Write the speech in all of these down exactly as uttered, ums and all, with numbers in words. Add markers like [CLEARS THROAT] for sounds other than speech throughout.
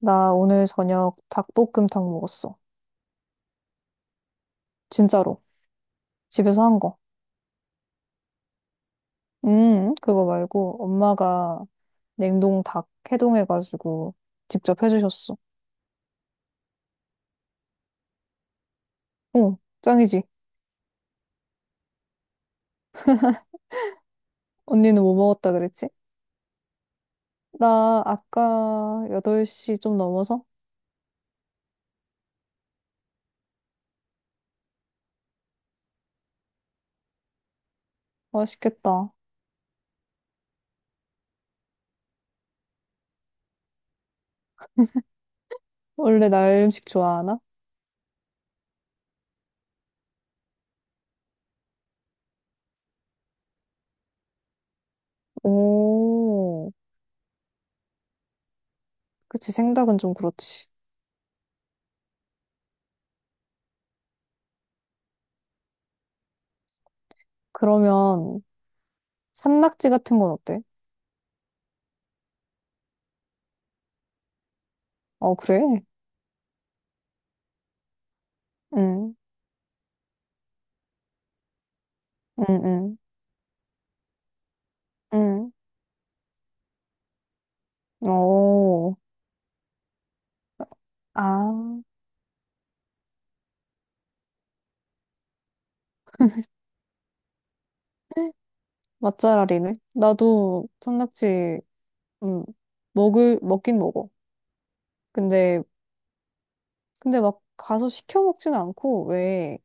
나 오늘 저녁 닭볶음탕 먹었어. 진짜로. 집에서 한 거. 음, 그거 말고 엄마가 냉동 닭 해동해가지고 직접 해주셨어. 응, 짱이지. 언니는 뭐 먹었다 그랬지? 나 아까 여덟 시 좀 넘어서? 맛있겠다. 원래 날 음식 좋아하나? 오, 그치. 생닭은 좀 그렇지. 그러면 산낙지 같은 건 어때? 어, 그래? 응, 응, 응, 응. 오. 아. [LAUGHS] 맛잘알이네. 나도 산낙지, 음, 먹을, 먹긴 먹어. 근데, 근데 막 가서 시켜 먹진 않고, 왜,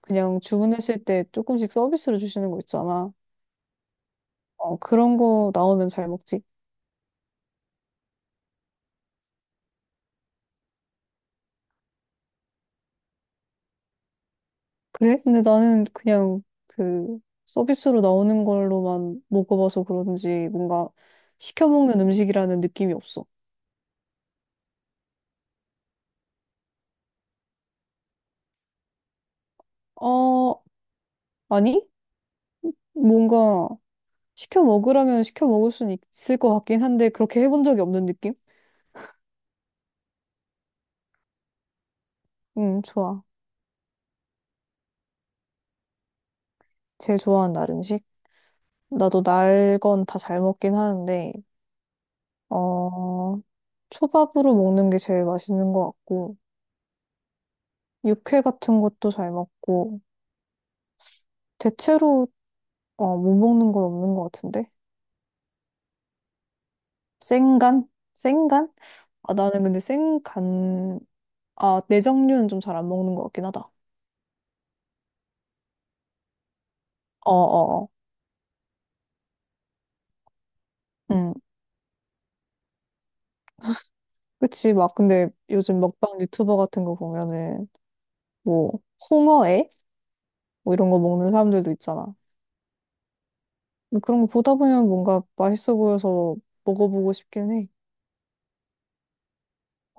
그냥 주문했을 때 조금씩 서비스로 주시는 거 있잖아. 어, 그런 거 나오면 잘 먹지. 그래? 근데 나는 그냥 그 서비스로 나오는 걸로만 먹어봐서 그런지 뭔가 시켜 먹는 음식이라는 느낌이 없어. 어, 아니? 뭔가 시켜 먹으라면 시켜 먹을 수는 있을 것 같긴 한데, 그렇게 해본 적이 없는 느낌? 응 좋아. 제일 좋아하는 날 음식? 나도 날 건 다 잘 먹긴 하는데, 어, 초밥으로 먹는 게 제일 맛있는 것 같고, 육회 같은 것도 잘 먹고, 대체로, 어, 못 먹는 건 없는 것 같은데? 생간? 생간? 아, 나는 근데 생간, 아, 내장류는 좀 잘 안 먹는 것 같긴 하다. 어어어. 응 그치, 막, 근데 요즘 먹방 유튜버 같은 거 보면은, 뭐, 홍어회? 뭐 이런 거 먹는 사람들도 있잖아. 근데 그런 거 보다 보면 뭔가 맛있어 보여서 먹어보고 싶긴 해.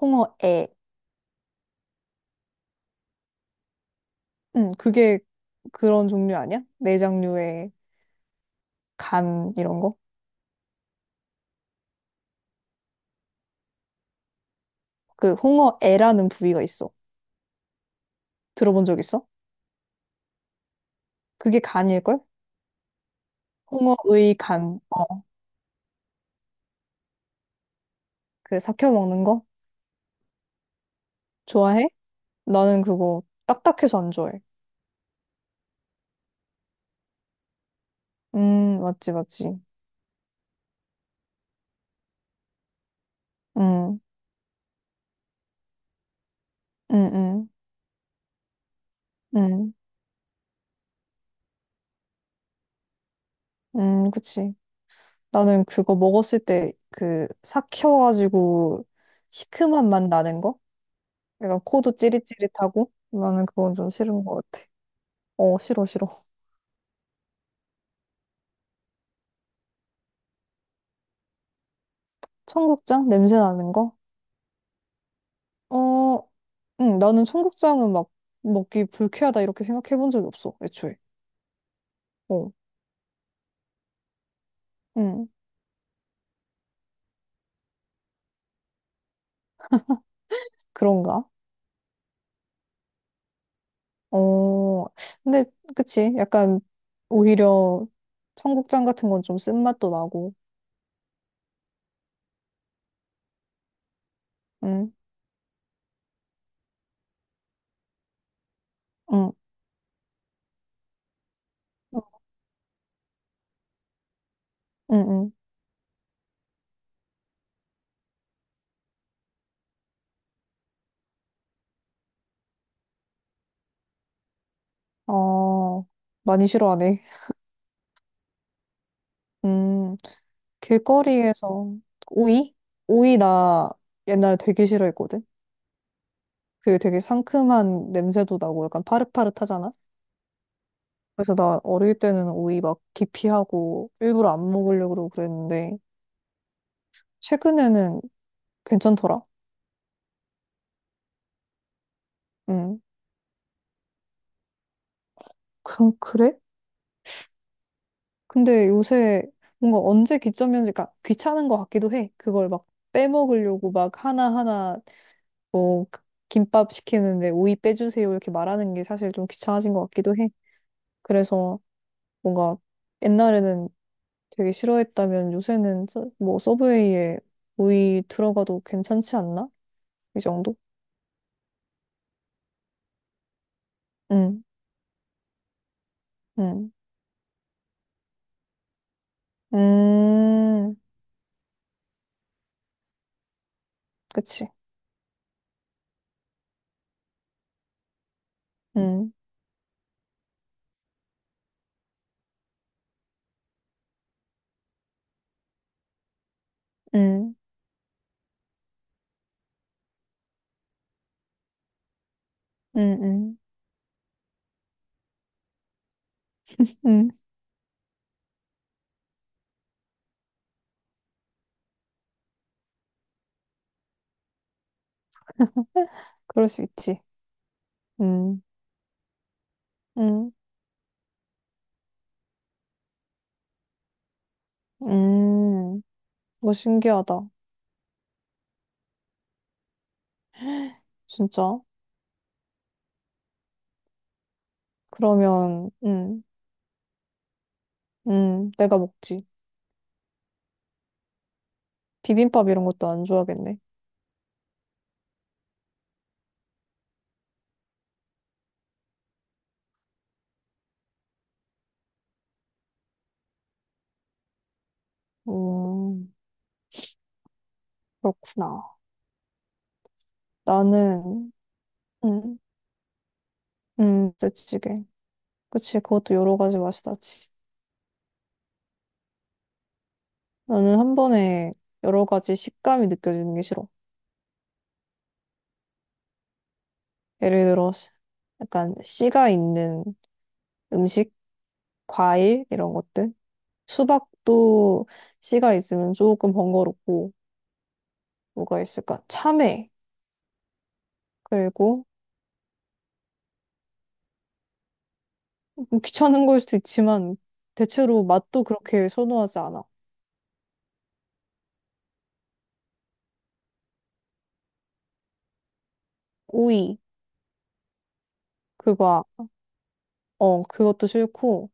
홍어에. 응, 그게 그런 종류 아니야? 내장류의 간 이런 거? 그 홍어애라는 부위가 있어. 들어본 적 있어? 그게 간일걸? 홍어의 간. 어, 그 삭혀 먹는 거? 좋아해? 나는 그거 딱딱해서 안 좋아해. 음, 맞지, 맞지. 음, 음, 음, 음, 음, 그치. 나는 그거 먹었을 때 그 삭혀가지고 시큼한 맛 나는 거? 약간 코도 찌릿찌릿하고 나는 그건 좀 싫은 것 같아. 어, 싫어, 싫어. 청국장? 냄새 나는 거? 어, 응, 나는 청국장은 막 먹기 불쾌하다 이렇게 생각해 본 적이 없어, 애초에. 어, 응, 그런가? 어, 근데, 그치. 약간, 오히려 청국장 같은 건 좀 쓴맛도 나고, 응, 응, 응, 응. 응. 어, 많이 싫어하네. 음. 길거리에서 오이? 오이 나 옛날에 되게 싫어했거든. 그 되게 상큼한 냄새도 나고 약간 파릇파릇하잖아? 그래서 나 어릴 때는 오이 막 기피하고 일부러 안 먹으려고 그러고 그랬는데 최근에는 괜찮더라. 응. 그럼 그래? 근데 요새 뭔가 언제 기점이었는지 그러니까 귀찮은 것 같기도 해. 그걸 막 빼먹으려고 막 하나하나 뭐 김밥 시키는데 오이 빼주세요 이렇게 말하는 게 사실 좀 귀찮아진 것 같기도 해. 그래서 뭔가 옛날에는 되게 싫어했다면 요새는 서- 뭐 서브웨이에 오이 들어가도 괜찮지 않나? 이 정도? 응, 응, 음, 그치. 응, 응, 응, 응, 응, 그럴 수 있지. 응, 응, 응, 너 신기하다. 진짜? 그러면, 응, 응, 내가 먹지. 비빔밥 이런 것도 안 좋아하겠네. 음, 그렇구나. 나는, 음, 음, 부대찌개. 그치, 그것도 여러 가지 맛이 나지. 나는 한 번에 여러 가지 식감이 느껴지는 게 싫어. 예를 들어, 씨- 약간 씨가 있는 음식, 과일, 이런 것들. 수박도 씨가 있으면 조금 번거롭고, 뭐가 있을까? 참외. 그리고 좀 귀찮은 걸 수도 있지만, 대체로 맛도 그렇게 선호하지 않아. 오이, 그거, 어, 그것도 싫고,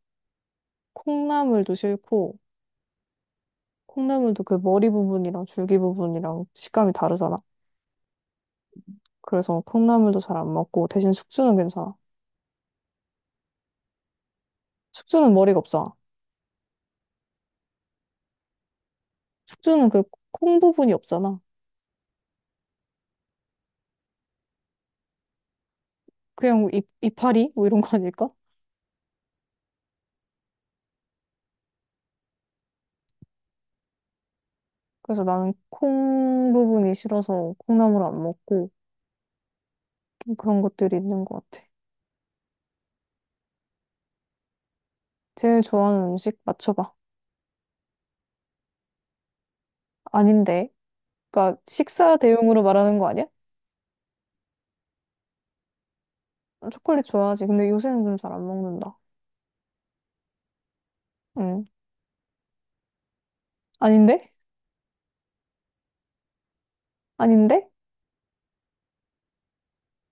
콩나물도 싫고, 콩나물도 그 머리 부분이랑 줄기 부분이랑 식감이 다르잖아. 그래서 콩나물도 잘 안 먹고 대신 숙주는 괜찮아. 숙주는 머리가 없잖아. 숙주는 그 콩 부분이 없잖아. 그냥 이, 이파리? 뭐 이런 거 아닐까? 그래서 나는 콩 부분이 싫어서 콩나물 안 먹고 좀 그런 것들이 있는 것 같아. 제일 좋아하는 음식 맞춰봐. 아닌데. 그러니까 식사 대용으로 말하는 거 아니야? 초콜릿 좋아하지. 근데 요새는 좀 잘 안 먹는다. 응. 아닌데? 아닌데?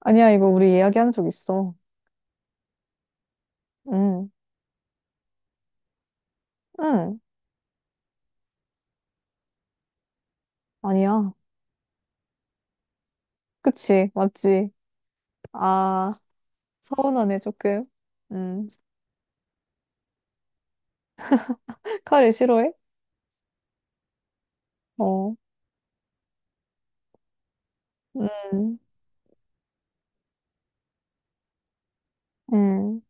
아니야, 이거 우리 이야기한 적 있어. 응. 응. 아니야. 그치? 맞지? 아. 서운하네, 조금. 음. [LAUGHS] 카레 싫어해? 어. 음. 음.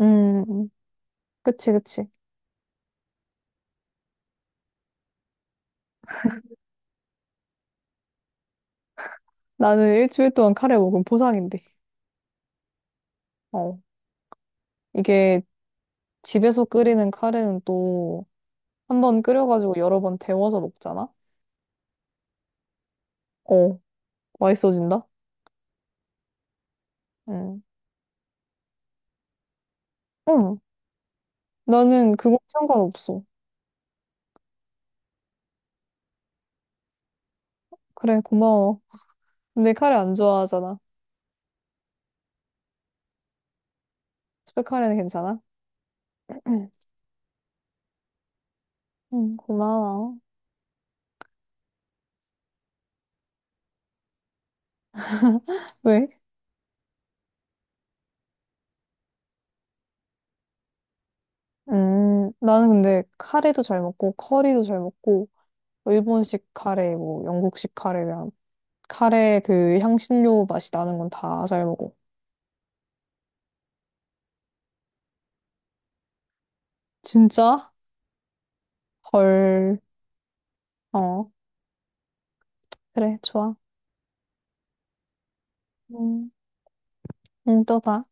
음. 그치, 그치. 나는 일주일 동안 카레 먹으면 보상인데. 어. 이게 집에서 끓이는 카레는 또 한 번 끓여가지고 여러 번 데워서 먹잖아? 어. 맛있어진다? 음. 응. 나는 그거 상관없어. 그래, 고마워. 근데 카레 안 좋아하잖아. 스팸 카레는 괜찮아? [CLEARS THROAT] 응, 고마워. 왜? 음, 나는 근데 카레도 잘 먹고, 커리도 잘 먹고, 일본식 카레, 뭐 영국식 카레, 그냥 카레 그 향신료 맛이 나는 건 다 잘 먹어. 진짜? 헐. 어, 그래, 좋아. 음, 응, 또 봐.